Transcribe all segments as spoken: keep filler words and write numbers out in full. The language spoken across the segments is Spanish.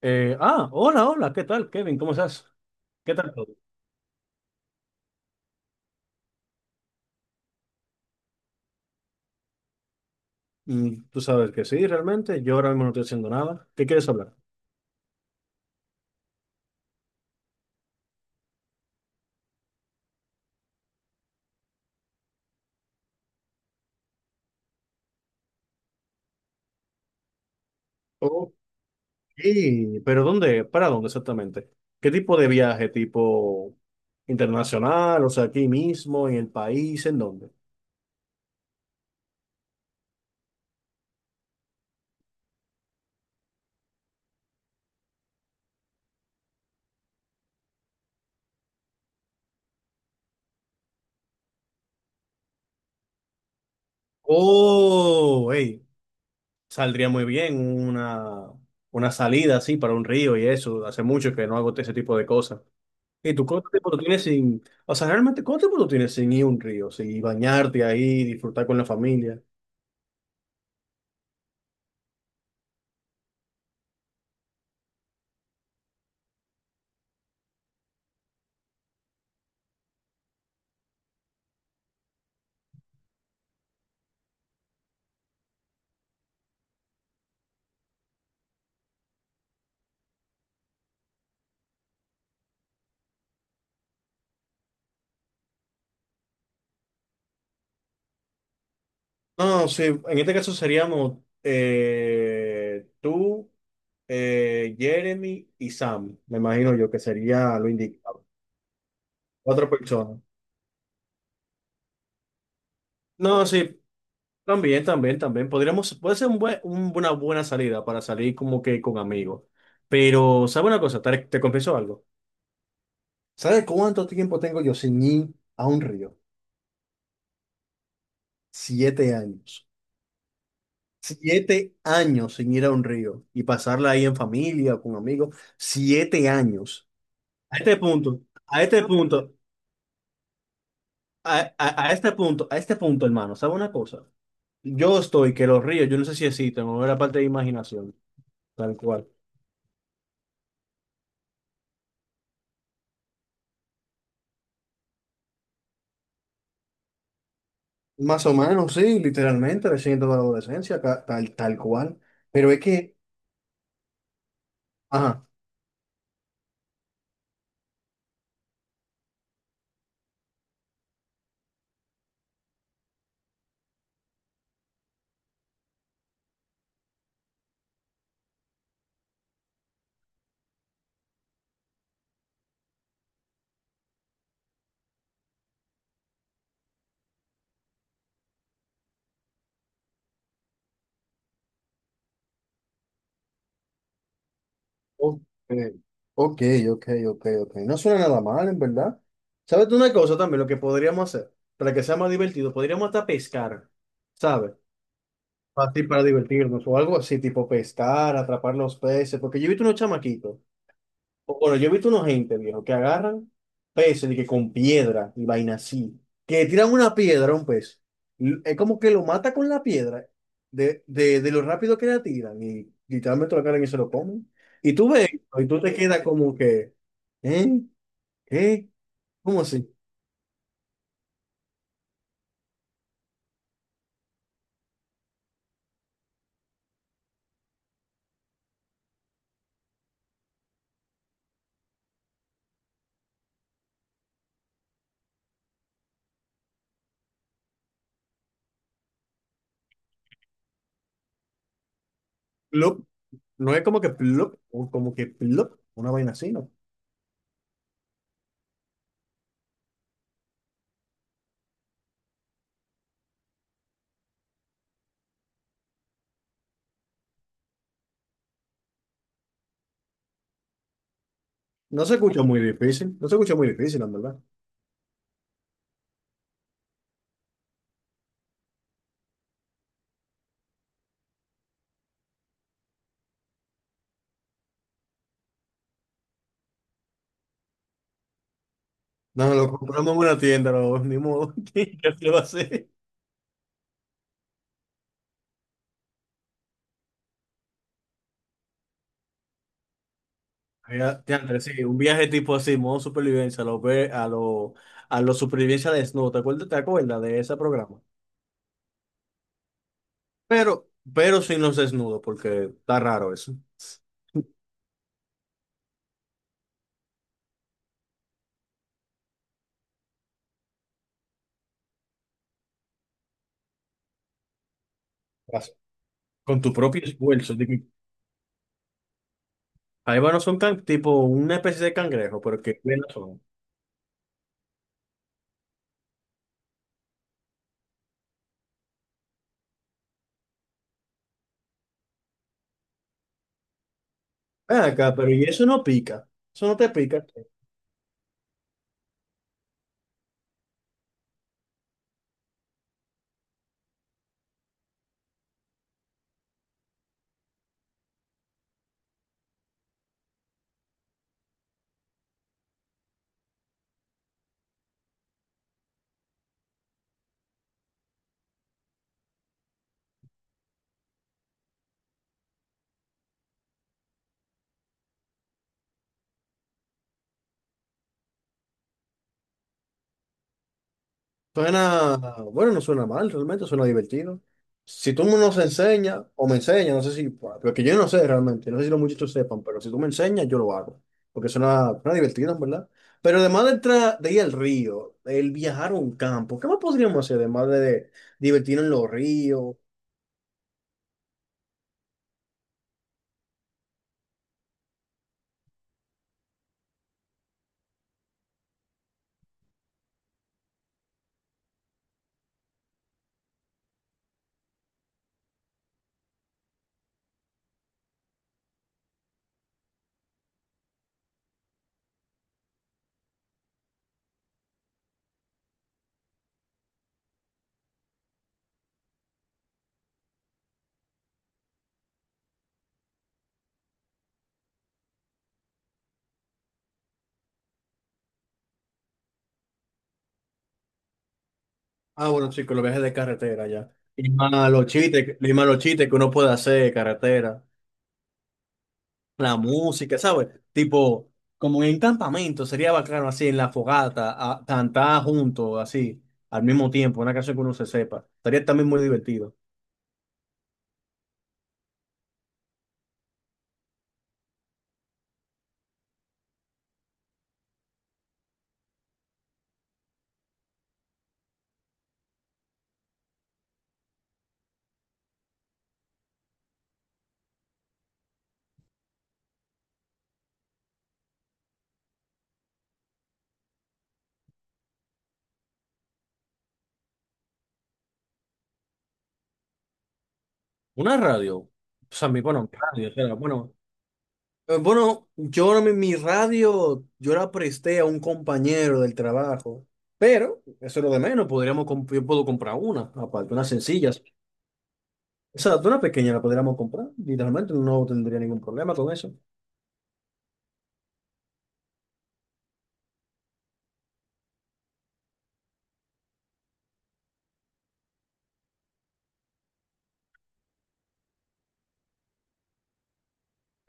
Eh, ah, hola, hola, ¿qué tal, Kevin? ¿Cómo estás? ¿Qué tal todo? Mm, tú sabes que sí, realmente. Yo ahora mismo no estoy haciendo nada. ¿Qué quieres hablar? Ok, pero ¿dónde? ¿Para dónde exactamente? ¿Qué tipo de viaje? ¿Tipo internacional? O sea, aquí mismo, en el país, ¿en dónde? Oh, hey, saldría muy bien una, una salida así para un río y eso. Hace mucho que no hago ese tipo de cosas. ¿Y tú cuánto tiempo tú tienes sin, o sea, realmente cuánto tiempo tú tienes sin ir a un río, sin bañarte ahí, disfrutar con la familia? No, sí, en este caso seríamos eh, tú, eh, Jeremy y Sam, me imagino yo que sería lo indicado. Cuatro personas. No, sí, también, también, también. Podríamos, puede ser un buen, un- una buena salida para salir como que con amigos. Pero, ¿sabes una cosa? Te, te confieso algo. ¿Sabes cuánto tiempo tengo yo sin ir a un río? Siete años. Siete años sin ir a un río y pasarla ahí en familia, con amigos. Siete años. A este punto, a este punto, a, a- a este punto, a este punto, hermano, ¿sabe una cosa? Yo estoy que los ríos, yo no sé si existen, o era parte de imaginación, tal cual. Más o menos, sí, literalmente, recién toda la adolescencia, ca- tal, tal cual. Pero es que, ajá, ok, ok, ok, ok, ok. No suena nada mal, en verdad. ¿Sabes tú una cosa también? Lo que podríamos hacer para que sea más divertido, podríamos hasta pescar, ¿sabes? Así para divertirnos o algo así, tipo pescar, atrapar los peces, porque yo he visto unos chamaquitos. O- Bueno, yo he visto unos gente, viejo, que agarran peces y que con piedra y vaina así, que tiran una piedra a un pez. l- Es como que lo mata con la piedra de, de, de lo rápido que la tiran y literalmente lo agarran y se lo comen. Y tú ves, y tú te quedas como que, ¿eh? ¿Qué? ¿Cómo así? Plop. No es como que plop, o como que plop, una vaina así, ¿no? No se escucha muy difícil, no se escucha muy difícil, la verdad. No, lo compramos en una tienda, no, ni modo, ¿qué se lo va a hacer? Mira, diantre, sí, un viaje tipo así, modo supervivencia, a lo, ve- a lo, a lo supervivencia desnudo. ¿Te acuerdas, te acuerdas de ese programa? Pero, pero sin los desnudos, porque está raro eso. Vas con tu propio esfuerzo. Digo, ahí van, no son can- tipo una especie de cangrejo, pero que bien no son. Ven acá, pero y eso no pica. Eso no te pica. Suena, bueno, no suena mal, realmente suena divertido. Si tú nos enseñas o me enseñas, no sé si, porque yo no sé realmente, no sé si los muchachos sepan, pero si tú me enseñas, yo lo hago, porque suena, suena divertido, en verdad. Pero además de, tra- de ir al río, el viajar a un campo, ¿qué más podríamos hacer además de divertirnos en los ríos? Ah, bueno, chicos, los viajes de carretera ya. Y más los chistes, y más los chistes que uno puede hacer de carretera. La música, ¿sabes? Tipo, como en campamento, sería bacano así, en la fogata, a- cantar juntos, así, al mismo tiempo, una canción que uno se sepa. Estaría también muy divertido. Una radio, o sea, mi, bueno, mi radio, o sea, bueno, eh, bueno, yo ahora mi, mi radio, yo la presté a un compañero del trabajo, pero eso es lo de menos, podríamos, comp- yo puedo comprar una, aparte, unas sencillas. O sea, una pequeña la podríamos comprar, literalmente no tendría ningún problema con eso.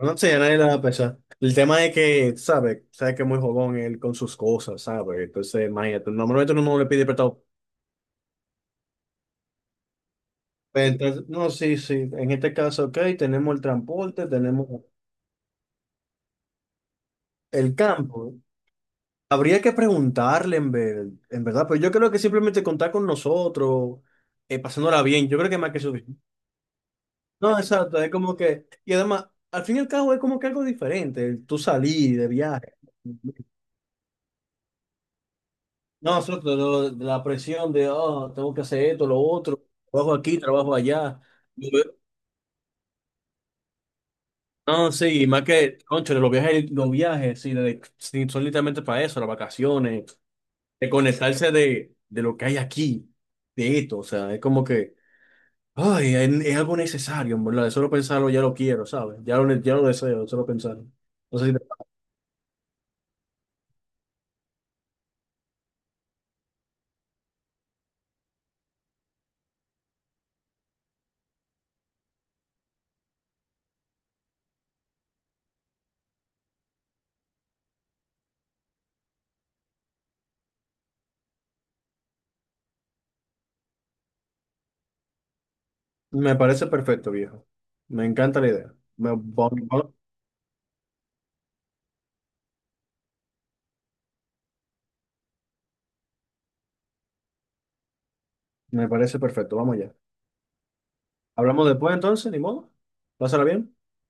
No sé, a nadie le va a pesar. El tema es que, ¿sabes? Sabes que es muy jodón él con sus cosas, ¿sabes? Entonces, imagínate, normalmente uno no le pide prestado. Pero entonces, no, sí, sí. En este caso, ok, tenemos el transporte, tenemos el campo. Habría que preguntarle, en ver- en verdad, pero yo creo que simplemente contar con nosotros, eh, pasándola bien, yo creo que más que suficiente. No, exacto, es como que, y además, al fin y al cabo es como que algo diferente, el tú salir de viaje. No, exacto, lo- de la presión de, oh, tengo que hacer esto, lo otro, trabajo aquí, trabajo allá. No, sí, y más que, concho, los viajes, los viajes, sí, de- sí, son literalmente para eso, las vacaciones, de conectarse de, de lo que hay aquí, de esto, o sea, es como que, ay, es, es algo necesario, ¿en verdad? De solo pensarlo ya lo quiero, ¿sabes? Ya lo, ne- ya lo deseo, de solo pensarlo. Entonces, me parece perfecto, viejo. Me encanta la idea. Me, va- va- me parece perfecto, vamos allá. Hablamos después entonces, ni modo. Pásala bien.